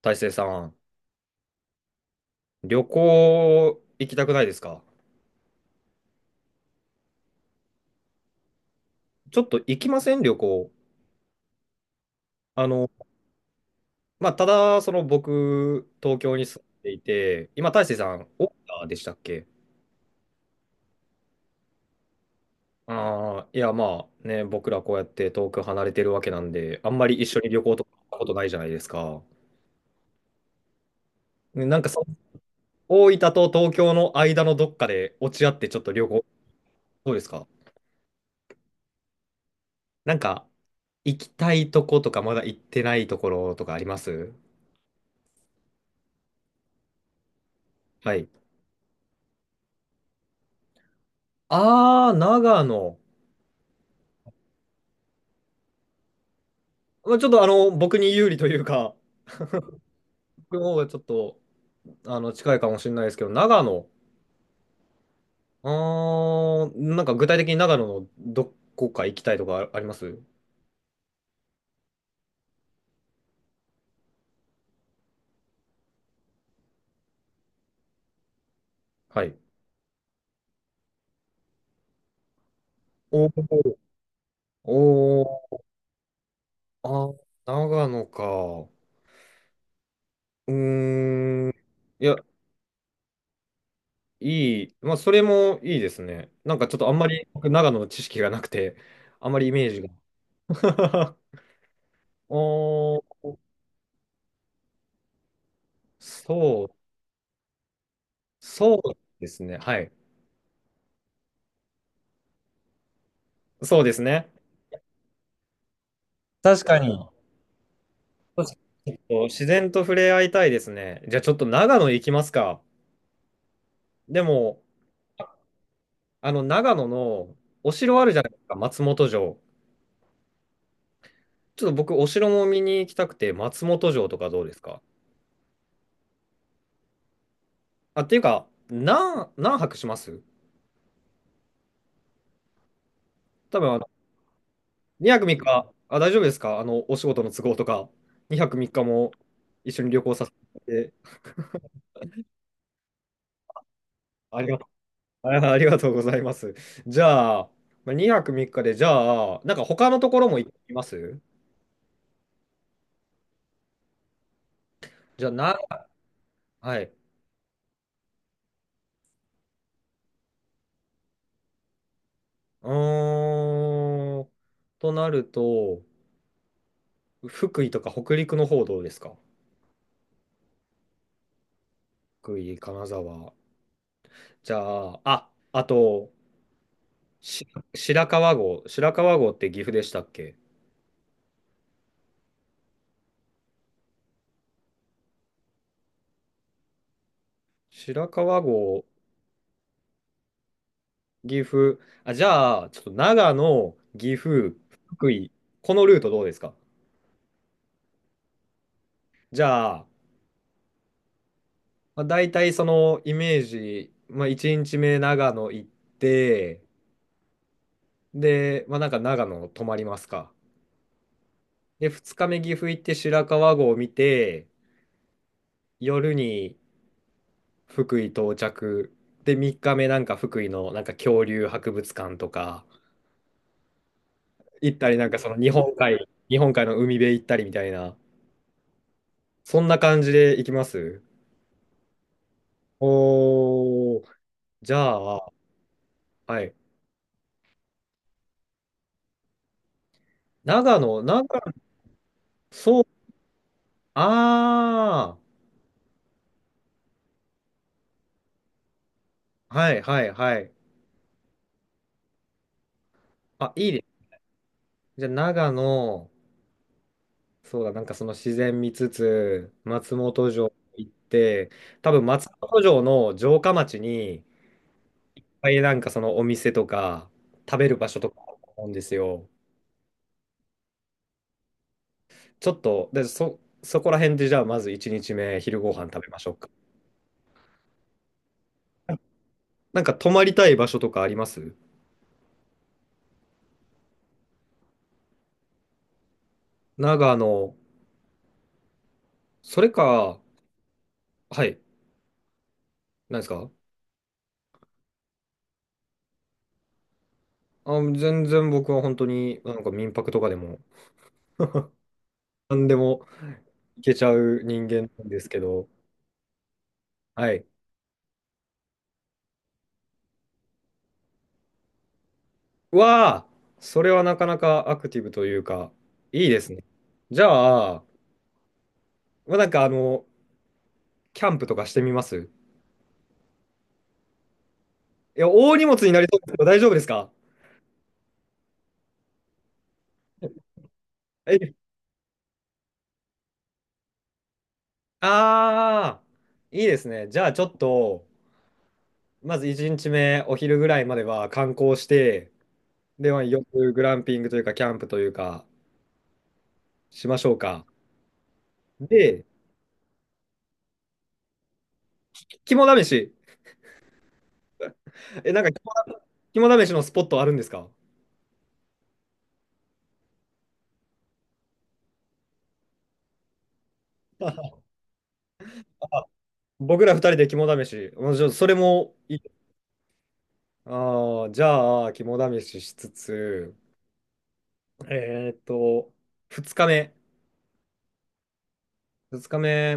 大成さん、旅行行きたくないですか？ちょっと行きません旅行。あの、まあ、ただ、その僕、東京に住んでいて、今、大成さん、大分でしたっけ？ああー、いや、まあね、僕らこうやって遠く離れてるわけなんで、あんまり一緒に旅行とか行ったことないじゃないですか。ね、なんか大分と東京の間のどっかで落ち合ってちょっと旅行、どうですか？なんか、行きたいとことか、まだ行ってないところとかあります？はい。ああ、長野。まあ、ちょっと僕に有利というか、僕の方がちょっと、近いかもしれないですけど、長野。あー、なんか具体的に長野のどこか行きたいとかあります？はい。おー、おー、あ、長野か。うーん。いや、いい。まあ、それもいいですね。なんかちょっとあんまり僕長野の知識がなくて、あんまりイメージが。おー、そう、そうですね。はい。そうですね。確かに。そうですね、ちょっと自然と触れ合いたいですね。じゃあちょっと長野行きますか。でも、あの長野のお城あるじゃないですか、松本城。ちょっと僕、お城も見に行きたくて、松本城とかどうですか？あ、っていうか、何泊します？多分2泊3日、あ、大丈夫ですか？お仕事の都合とか、2泊3日も一緒に旅行させて、ありがとう、あありがとうございます。じゃあ、まあ2泊3日で、じゃあ、なんか他のところも行きますじゃあ、な、はい。うーん。となると、福井とか北陸の方どうですか？福井、金沢。じゃあ、あ、あと、し白川郷。白川郷って岐阜でしたっけ？白川郷、岐阜。あ、じゃあ、ちょっと長野、岐阜、福井。このルートどうですか？じゃあ、まあ、大体そのイメージ、まあ、1日目長野行って、で、まあ、なんか長野泊まりますか。で、2日目岐阜行って白川郷を見て、夜に福井到着。で、3日目なんか福井のなんか恐竜博物館とか行ったり、なんかその日本海、日本海の海辺行ったりみたいな、そんな感じで行きますおー、じゃあ、はい。長野、長野、そう、あー、はいはいはい。あ、いいです。じゃあ長野、そうだ、なんかその自然見つつ、松本城行って、多分松本城の城下町に、いっぱいなんかそのお店とか、食べる場所とかあると思うんですよ。ちょっと、で、そこら辺でじゃあまず1日目、昼ご飯食べましょうか。なんか泊まりたい場所とかあります？長野、それか、はい、何ですか？あ、全然僕は本当になんか民泊とかでも、何でも行けちゃう人間なんですけど、はい。わあ、それはなかなかアクティブというか、いいですね。じゃあ、まあ、なんかキャンプとかしてみますいや、大荷物になりそうですけど、大丈夫ですか？え、ああ、いいですね。じゃあ、ちょっと、まず1日目、お昼ぐらいまでは観光して、で、まあ夜、グランピングというか、キャンプというか、しましょうか。で、肝試し。え、なんか肝試しのスポットあるんですか？僕ら2人で肝試し。まあちょっとそれもああ、じゃあ、肝試ししつつ、えーっと、2日目。2日目、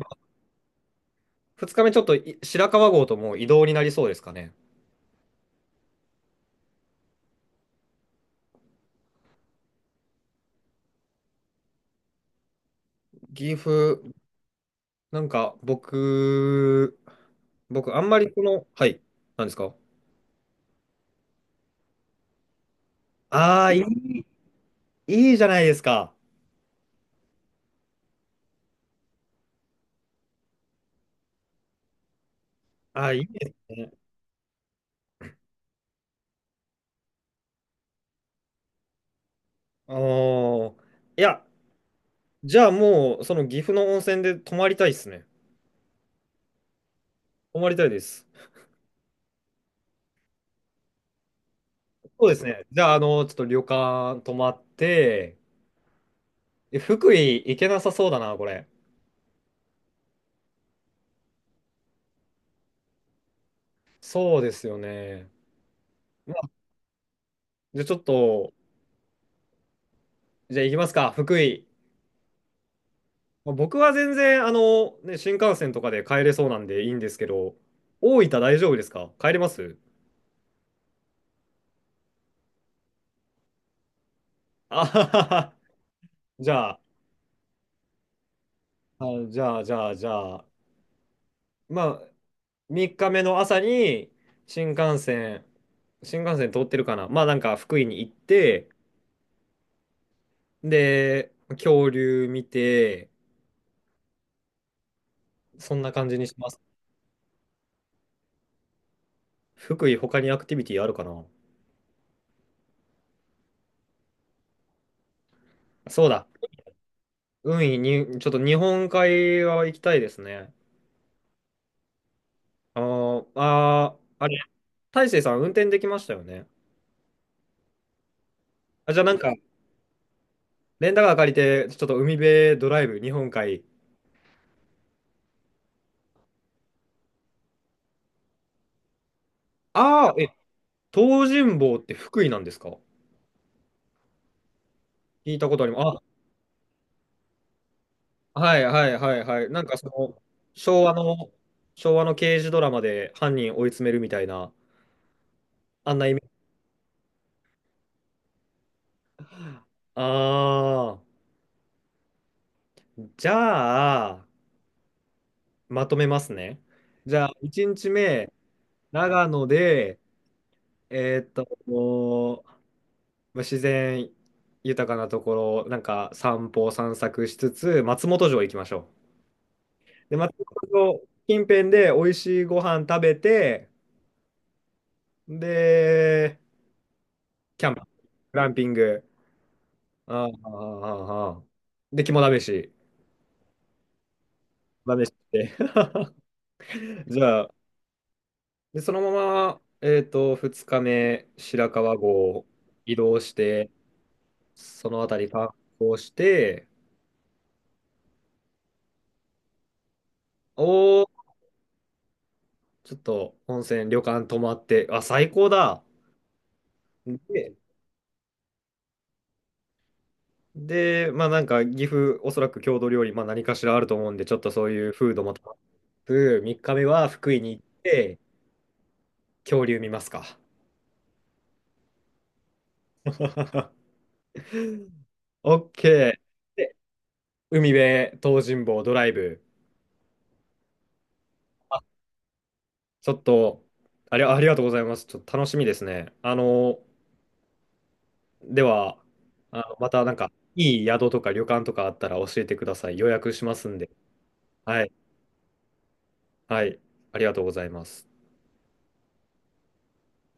2日目ちょっと白川郷ともう移動になりそうですかね。岐阜、なんか僕あんまりこの、はい、なんですか？ああ、いいじゃないですか。ああ、いいですね。あー、いや、じゃあもう、その岐阜の温泉で泊まりたいですね。泊まりたいです。そうですね。じゃあ、ちょっと旅館泊まって、え、福井行けなさそうだな、これ。そうですよね。まあ、じゃあちょっと、じゃあ行きますか、福井。まあ僕は全然、ね、新幹線とかで帰れそうなんでいいんですけど、大分大丈夫ですか？帰れますあははは。じゃあ、あ、じゃあ、じゃあ、じゃあ、まあ、3日目の朝に、新幹線、新幹線通ってるかな、まあ、なんか福井に行って、で、恐竜見て、そんな感じにします。福井、他にアクティビティあるかな？そうだ。海に、ちょっと日本海側行きたいですね。あれ、大成さん運転できましたよね。あ、じゃあなんか、レンタカー借りて、ちょっと海辺ドライブ、日本海。ああ、え、東尋坊って福井なんですか？聞いたことあります。あ、はいはいはいはい。なんかその、昭和の、昭和の刑事ドラマで犯人追い詰めるみたいな、あんなイメージ。ああ、じゃあ、まとめますね。じゃあ、1日目、長野で、もうまあ自然豊かなところ、なんか散歩散策しつつ、松本城行きましょう。で、松本城近辺で美味しいご飯食べて、で、キャンプ、グランピング、あーあー、あーあで、肝試し、試して、じゃあ、で、そのまま、2日目、白川郷移動して、そのあたり観光して、おー、ちょっと温泉、旅館泊まって、あ、最高だ。で、で、まあなんか岐阜、おそらく郷土料理、まあ何かしらあると思うんで、ちょっとそういうフードも食べつつ、3日目は福井に行って、恐竜見ますか。OK。で、海辺、東尋坊ドライブ。あ、ちょっと、ありがとうございます。ちょっと楽しみですね。では、またなんか、いい宿とか旅館とかあったら教えてください。予約しますんで。はい。はい。ありがとうございます。